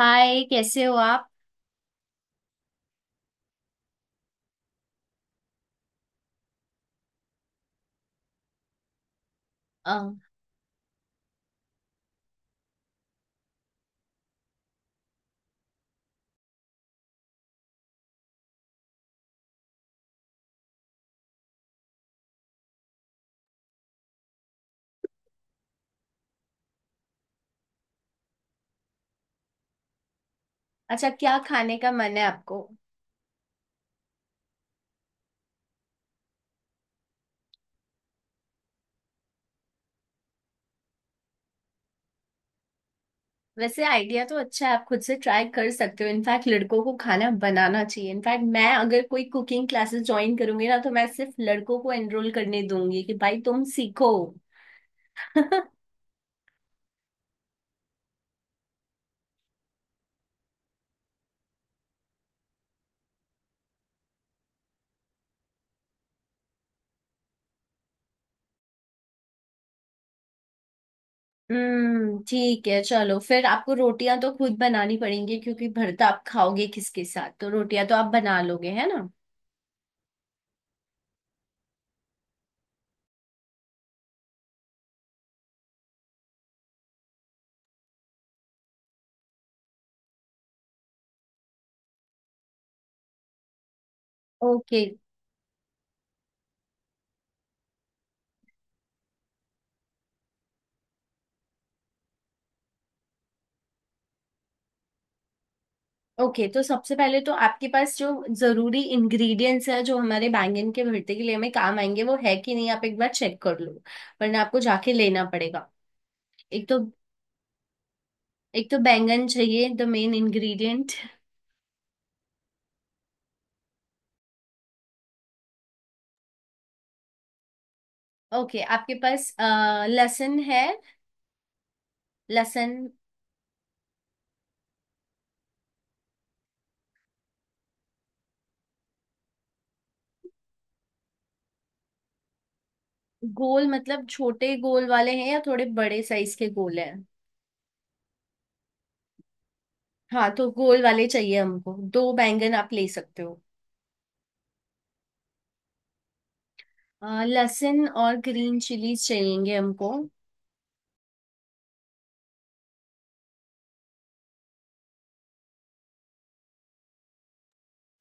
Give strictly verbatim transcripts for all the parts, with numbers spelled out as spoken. हाय, कैसे हो आप? अ, अच्छा, क्या खाने का मन है आपको? वैसे आइडिया तो अच्छा है। आप खुद से ट्राई कर सकते हो। इनफैक्ट लड़कों को खाना बनाना चाहिए। इनफैक्ट मैं अगर कोई कुकिंग क्लासेस ज्वाइन करूंगी ना तो मैं सिर्फ लड़कों को एनरोल करने दूंगी कि भाई तुम सीखो। हम्म ठीक है, चलो फिर आपको रोटियां तो खुद बनानी पड़ेंगी, क्योंकि भरता आप खाओगे किसके साथ? तो रोटियां तो आप बना लोगे है ना? ओके। ओके, तो सबसे पहले तो आपके पास जो जरूरी इंग्रेडिएंट्स है जो हमारे बैंगन के भरते के लिए हमें काम आएंगे वो है कि नहीं आप एक बार चेक कर लो, वरना आपको जाके लेना पड़ेगा। एक तो एक तो बैंगन चाहिए, द मेन इंग्रेडिएंट। ओके, आपके पास अ, लहसुन है? लहसुन? गोल मतलब छोटे गोल वाले हैं या थोड़े बड़े साइज के गोल हैं? हाँ तो गोल वाले चाहिए हमको, दो बैंगन आप ले सकते हो। अ, लहसुन और ग्रीन चिलीज चाहिएंगे हमको।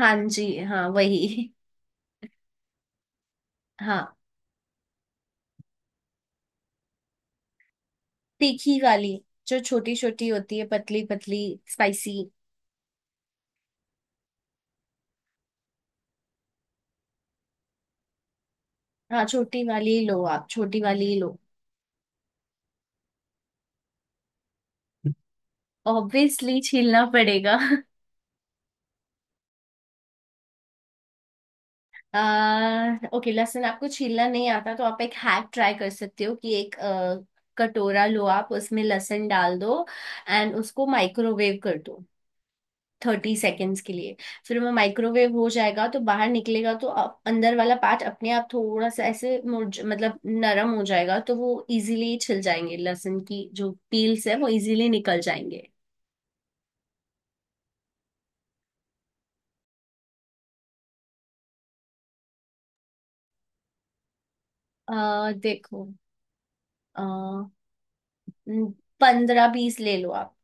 हाँ जी, हाँ वही। हाँ, तीखी वाली। जो छोटी छोटी होती है, पतली पतली। स्पाइसी। हाँ, छोटी वाली ही लो, आप छोटी वाली ही लो। ऑब्वियसली छीलना पड़ेगा। आ, ओके, लहसुन आपको छीलना नहीं आता तो आप एक हैक ट्राई कर सकते हो कि एक अ, कटोरा लो, आप उसमें लहसुन डाल दो, एंड उसको माइक्रोवेव कर दो थर्टी सेकेंड्स के लिए। फिर वो माइक्रोवेव हो जाएगा तो बाहर निकलेगा तो अ- अंदर वाला पार्ट अपने आप थोड़ा सा ऐसे मुरझ मतलब नरम हो जाएगा, तो वो इजीली छिल जाएंगे, लहसुन की जो पील्स है वो इजीली निकल जाएंगे। अ देखो, अ पंद्रह बीस ले लो आप।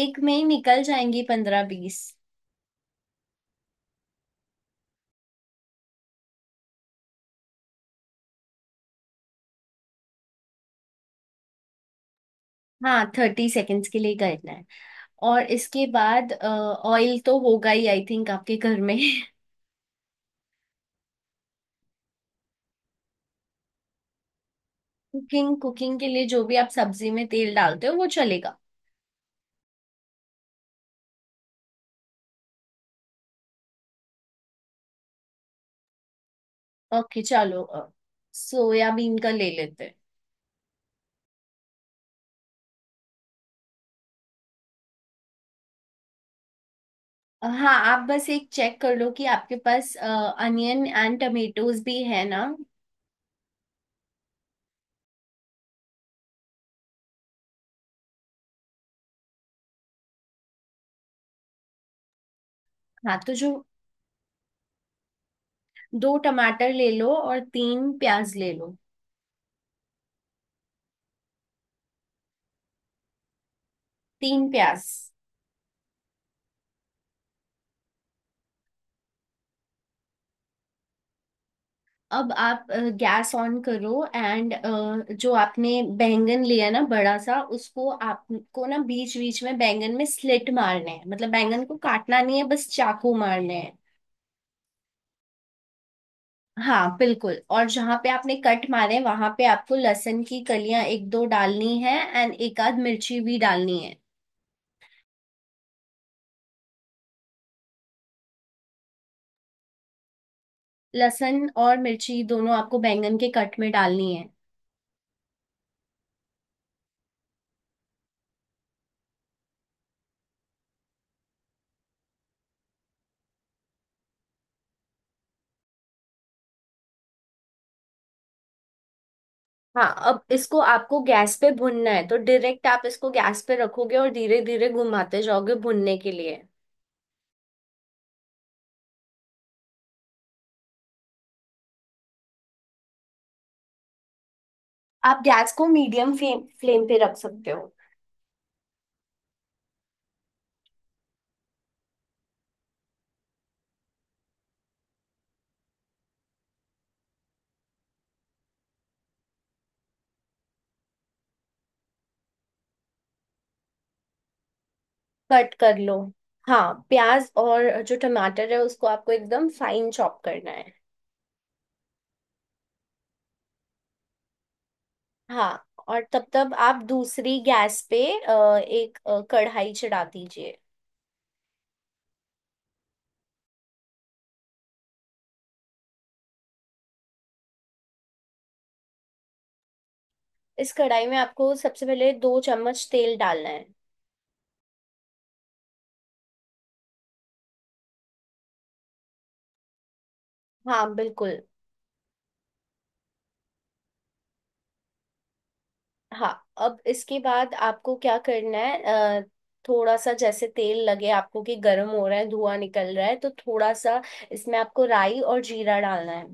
एक में ही निकल जाएंगी पंद्रह बीस। हाँ, थर्टी सेकेंड्स के लिए करना है। और इसके बाद ऑयल तो होगा ही, आई थिंक, आपके घर में। कुकिंग कुकिंग के लिए जो भी आप सब्जी में तेल डालते हो वो चलेगा। ओके, चलो अब सोयाबीन का ले लेते हैं। अ, हाँ, आप बस एक चेक कर लो कि आपके पास अनियन एंड टमेटोज भी है ना। हाँ तो जो, दो टमाटर ले लो और तीन प्याज ले लो। तीन प्याज। अब आप गैस ऑन करो, एंड जो आपने बैंगन लिया ना बड़ा सा, उसको आपको ना बीच बीच में बैंगन में स्लिट मारने हैं, मतलब बैंगन को काटना नहीं है, बस चाकू मारने। हाँ बिल्कुल, और जहां पे आपने कट मारे वहां पे आपको लहसुन की कलियां एक दो डालनी है, एंड एक आध मिर्ची भी डालनी है। लहसुन और मिर्ची दोनों आपको बैंगन के कट में डालनी है। हाँ, अब इसको आपको गैस पे भुनना है, तो डायरेक्ट आप इसको गैस पे रखोगे और धीरे धीरे घुमाते जाओगे भुनने के लिए। आप गैस को मीडियम फ्लेम फ्लेम पे रख सकते हो। कट कर लो। हाँ, प्याज और जो टमाटर है उसको आपको एकदम फाइन चॉप करना है। हाँ, और तब तब आप दूसरी गैस पे अ, एक अ, कढ़ाई चढ़ा दीजिए। इस कढ़ाई में आपको सबसे पहले दो चम्मच तेल डालना है। हाँ बिल्कुल। हाँ, अब इसके बाद आपको क्या करना है? अ, थोड़ा सा जैसे तेल लगे आपको कि गर्म हो रहा है, धुआं निकल रहा है, तो थोड़ा सा इसमें आपको राई और जीरा डालना है।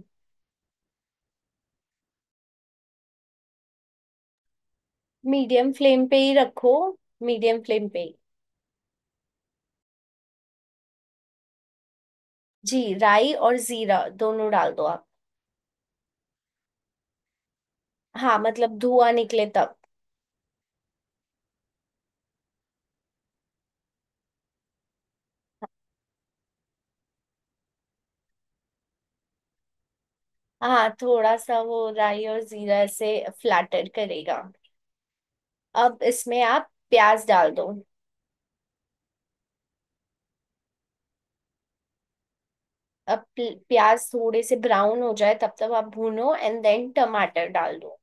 मीडियम फ्लेम पे ही रखो, मीडियम फ्लेम पे ही। जी, राई और जीरा दोनों डाल दो आप। हाँ, मतलब धुआं निकले तब। हाँ, थोड़ा सा वो राई और जीरा से फ्लैटर करेगा। अब इसमें आप प्याज डाल दो। अब प्ल- प्याज थोड़े से ब्राउन हो जाए तब तक आप भूनो, एंड देन टमाटर डाल दो।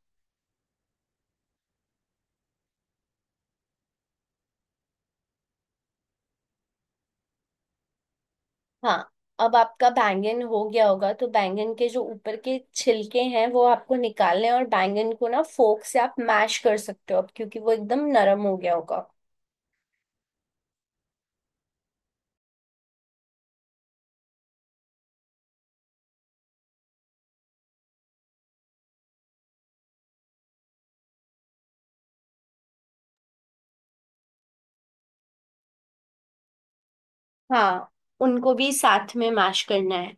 हाँ, अब आपका बैंगन हो गया होगा तो बैंगन के जो ऊपर के छिलके हैं वो आपको निकालने हैं और बैंगन को ना फोक से आप मैश कर सकते हो अब, क्योंकि वो एकदम नरम हो गया होगा। हाँ, उनको भी साथ में मैश करना है।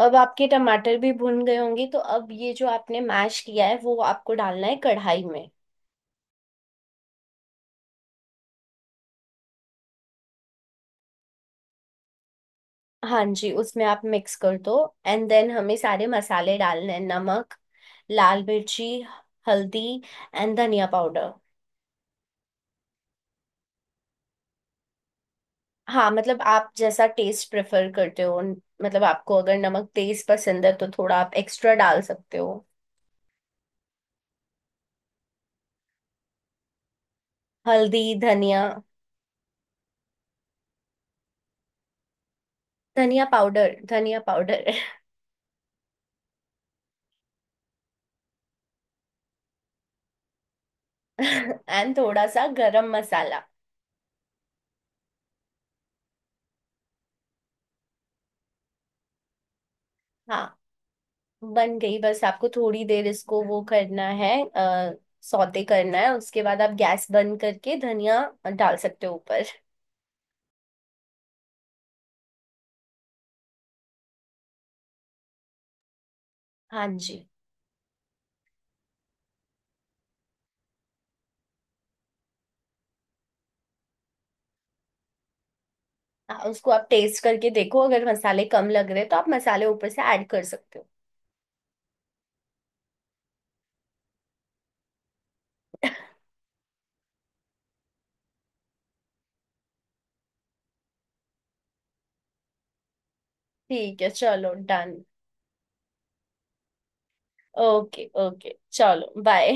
अब आपके टमाटर भी भुन गए होंगे, तो अब ये जो आपने मैश किया है वो आपको डालना है कढ़ाई में। हाँ जी, उसमें आप मिक्स कर दो, एंड देन हमें सारे मसाले डालने हैं, नमक, लाल मिर्ची, हल्दी, एंड धनिया पाउडर। हाँ, मतलब आप जैसा टेस्ट प्रेफर करते हो, मतलब आपको अगर नमक तेज पसंद है तो थोड़ा आप एक्स्ट्रा डाल सकते हो। हल्दी, धनिया। धनिया पाउडर, धनिया पाउडर। एंड थोड़ा सा गरम मसाला। हाँ, बन गई, बस आपको थोड़ी देर इसको वो करना है, आ, सौते करना है, उसके बाद आप गैस बंद करके धनिया डाल सकते हो ऊपर। हाँ जी। आ, उसको आप टेस्ट करके देखो, अगर मसाले कम लग रहे तो आप मसाले ऊपर से ऐड कर सकते हो। ठीक है, चलो डन। ओके, ओके, चलो बाय।